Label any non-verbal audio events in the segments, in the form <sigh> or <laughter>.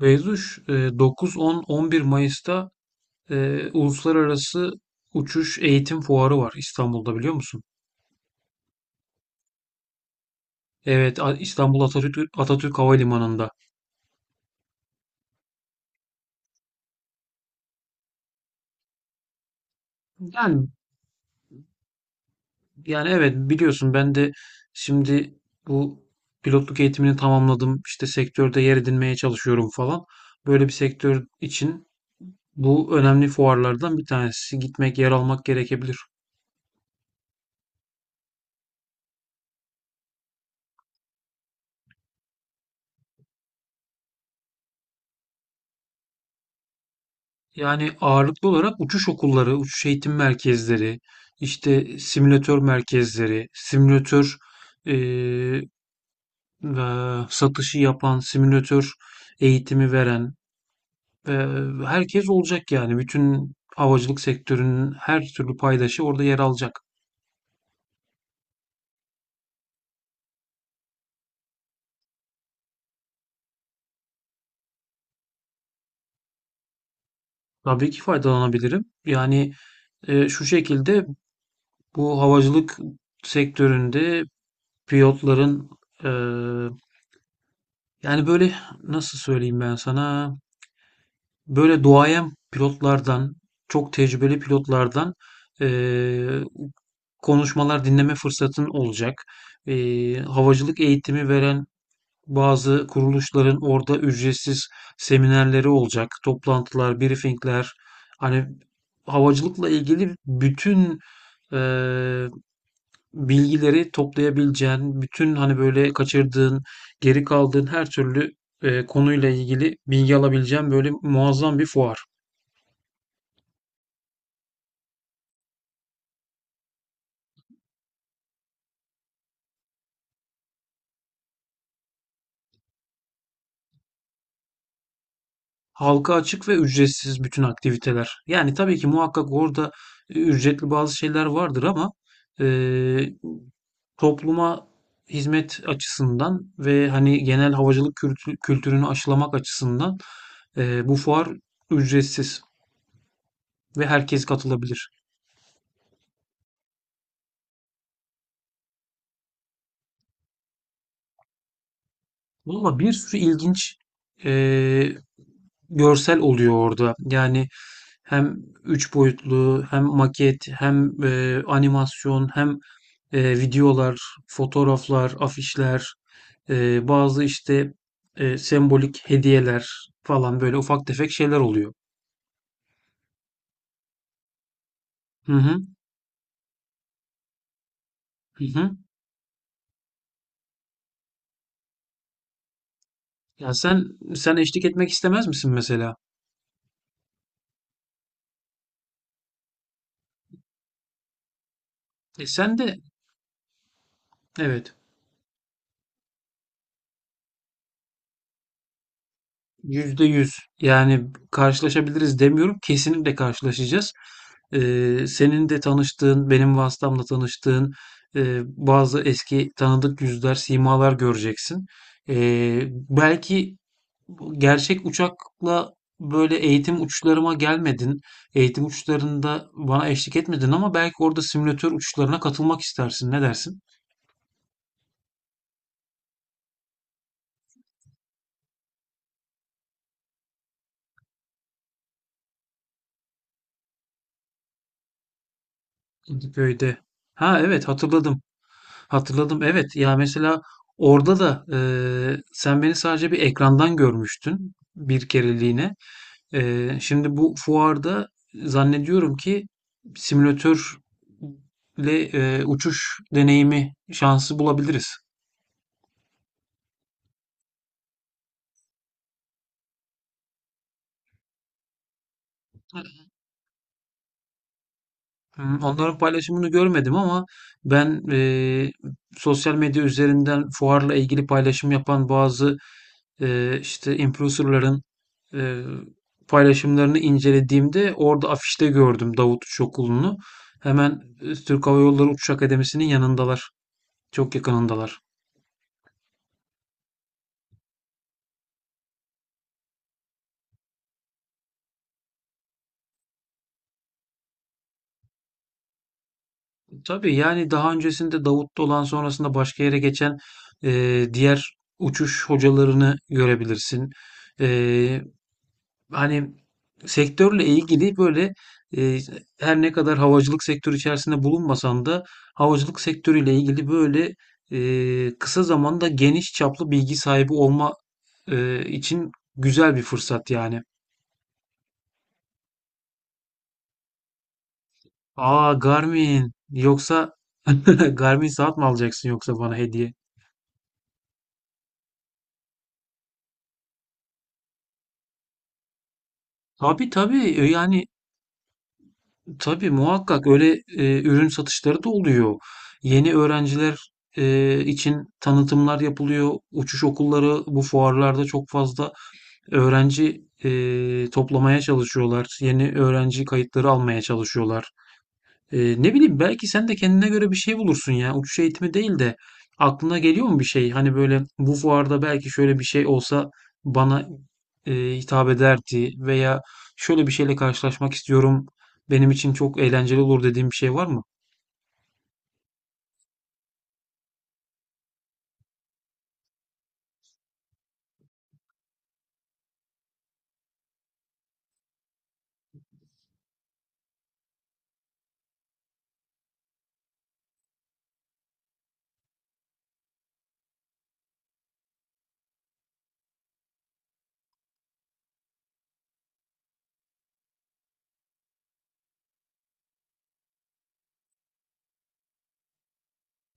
Beyzuş, 9, 10, 11 Mayıs'ta Uluslararası Uçuş Eğitim Fuarı var İstanbul'da biliyor musun? Evet, İstanbul Atatürk, Atatürk Havalimanı'nda. Yani yani evet biliyorsun ben de şimdi bu pilotluk eğitimini tamamladım. İşte sektörde yer edinmeye çalışıyorum falan. Böyle bir sektör için bu önemli fuarlardan bir tanesi. Gitmek, yer almak gerekebilir. Yani ağırlıklı olarak uçuş okulları, uçuş eğitim merkezleri, işte simülatör merkezleri, simülatör eee, ve satışı yapan, simülatör eğitimi veren ve herkes olacak yani. Bütün havacılık sektörünün her türlü paydaşı orada yer alacak. Tabii ki faydalanabilirim. Yani şu şekilde bu havacılık sektöründe pilotların e, yani böyle nasıl söyleyeyim ben sana? Böyle duayen pilotlardan, çok tecrübeli pilotlardan eee, konuşmalar dinleme fırsatın olacak. Havacılık eğitimi veren bazı kuruluşların orada ücretsiz seminerleri olacak. Toplantılar, briefingler. Hani havacılıkla ilgili bütün eee, bilgileri toplayabileceğin, bütün hani böyle kaçırdığın, geri kaldığın her türlü konuyla ilgili bilgi alabileceğin böyle muazzam bir fuar. Halka açık ve ücretsiz bütün aktiviteler. Yani tabii ki muhakkak orada ücretli bazı şeyler vardır ama e, topluma hizmet açısından ve hani genel havacılık kültürünü aşılamak açısından bu fuar ücretsiz ve herkes katılabilir. Valla bir sürü ilginç eee, görsel oluyor orada. Yani hem üç boyutlu, hem maket, hem animasyon, hem videolar, fotoğraflar, afişler, bazı işte sembolik hediyeler falan böyle ufak tefek şeyler oluyor. Hı hı, hı hı. Ya sen eşlik etmek istemez misin mesela? E sen de evet. Yüzde yüz. Yani karşılaşabiliriz demiyorum. Kesinlikle karşılaşacağız. Senin de tanıştığın, benim vasıtamla tanıştığın bazı eski tanıdık yüzler, simalar göreceksin. Ee, Belki gerçek uçakla böyle eğitim uçlarıma gelmedin. Eğitim uçlarında bana eşlik etmedin ama belki orada simülatör uçlarına katılmak istersin. Ne dersin? İntiköy'de. Ha evet hatırladım. Hatırladım evet. Ya mesela orada da sen beni sadece bir ekrandan görmüştün bir kereliğine. Şimdi bu fuarda zannediyorum ki simülatörle uçuş deneyimi şansı bulabiliriz. Hmm, onların paylaşımını görmedim ama ben sosyal medya üzerinden fuarla ilgili paylaşım yapan bazı işte influencer'ların, eee, paylaşımlarını incelediğimde orada afişte gördüm Davut Uçuş Okulu'nu. Hemen, Türk Hava Yolları Uçuş Akademisi'nin yanındalar. Çok yakınındalar. Tabii, yani, daha öncesinde Davut'ta olan sonrasında başka yere geçen, diğer uçuş hocalarını görebilirsin. Eee Hani sektörle ilgili böyle e, her ne kadar havacılık sektörü içerisinde bulunmasan da havacılık sektörüyle ilgili böyle kısa zamanda geniş çaplı bilgi sahibi olma için güzel bir fırsat yani. Aa Garmin yoksa <laughs> Garmin saat mi alacaksın yoksa bana hediye? Tabii tabii. Tabii muhakkak öyle ürün satışları da oluyor. Yeni öğrenciler için tanıtımlar yapılıyor. Uçuş okulları bu fuarlarda çok fazla öğrenci toplamaya çalışıyorlar. Yeni öğrenci kayıtları almaya çalışıyorlar. Ne bileyim belki sen de kendine göre bir şey bulursun ya. Uçuş eğitimi değil de aklına geliyor mu bir şey? Hani böyle bu fuarda belki şöyle bir şey olsa bana hitap ederdi veya şöyle bir şeyle karşılaşmak istiyorum. Benim için çok eğlenceli olur dediğim bir şey var mı?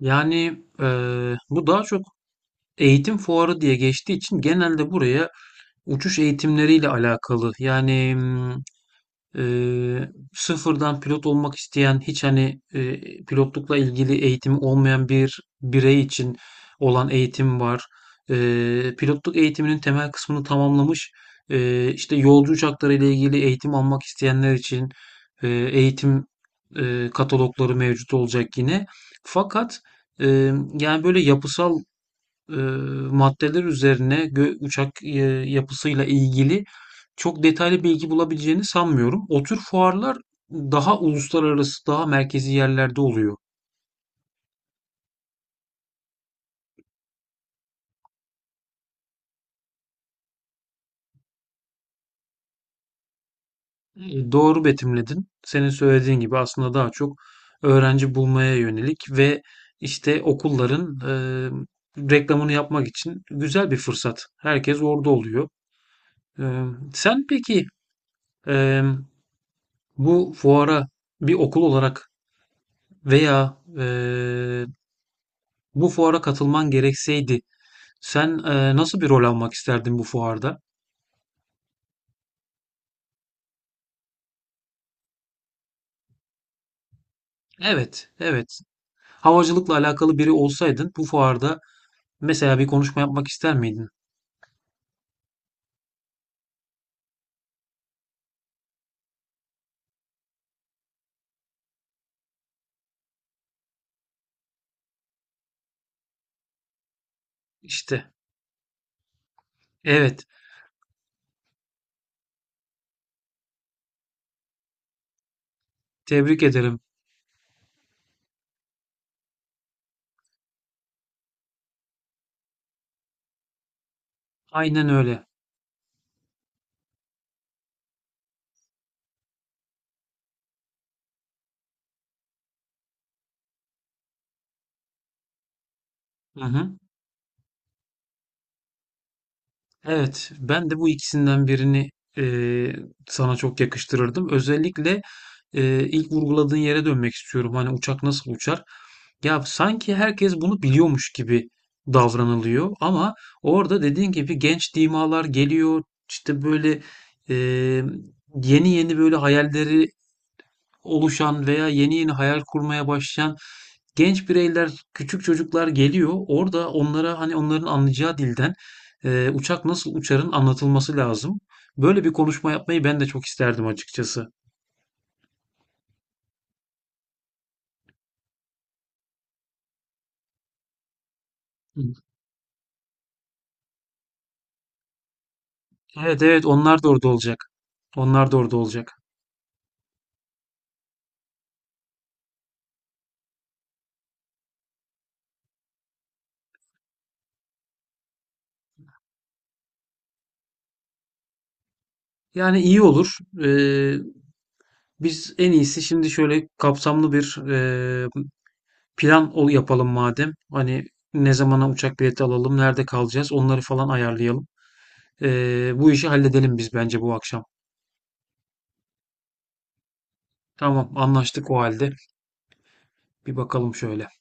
Yani bu daha çok eğitim fuarı diye geçtiği için genelde buraya uçuş eğitimleriyle alakalı. Sıfırdan pilot olmak isteyen hiç hani pilotlukla ilgili eğitimi olmayan bir birey için olan eğitim var. Pilotluk eğitiminin temel kısmını tamamlamış işte yolcu uçakları ile ilgili eğitim almak isteyenler için eğitim katalogları mevcut olacak yine. Fakat e, yani böyle yapısal eee, maddeler üzerine uçak yapısıyla ilgili çok detaylı bilgi bulabileceğini sanmıyorum. O tür fuarlar daha uluslararası, daha merkezi yerlerde oluyor. Doğru betimledin. Senin söylediğin gibi aslında daha çok öğrenci bulmaya yönelik ve işte okulların reklamını yapmak için güzel bir fırsat. Herkes orada oluyor. E, Sen peki e, bu fuara bir okul olarak veya bu fuara katılman gerekseydi sen, nasıl bir rol almak isterdin bu fuarda? Evet, evet. Havacılıkla alakalı biri olsaydın bu fuarda mesela bir konuşma yapmak ister miydin? İşte. Evet. Tebrik ederim. Aynen öyle. Hı hı. Evet. Ben de bu ikisinden birini, eee, sana çok yakıştırırdım. Özellikle, ilk vurguladığın yere dönmek istiyorum. Hani uçak nasıl uçar? Ya sanki herkes bunu biliyormuş gibi davranılıyor ama orada dediğin gibi genç dimalar geliyor işte böyle e, yeni yeni böyle hayalleri oluşan veya yeni yeni hayal kurmaya başlayan genç bireyler küçük çocuklar geliyor orada onlara hani onların anlayacağı dilden uçak nasıl uçarın anlatılması lazım. Böyle bir konuşma yapmayı ben de çok isterdim açıkçası. Hı. Evet evet onlar da orada olacak. Onlar da orada olacak. Yani iyi olur. Ee, Biz en iyisi şimdi şöyle kapsamlı bir plan yapalım madem. Hani ne zamana uçak bileti alalım, nerede kalacağız, onları falan ayarlayalım. Bu işi halledelim biz bence bu akşam. Tamam, anlaştık o halde. Bir bakalım şöyle.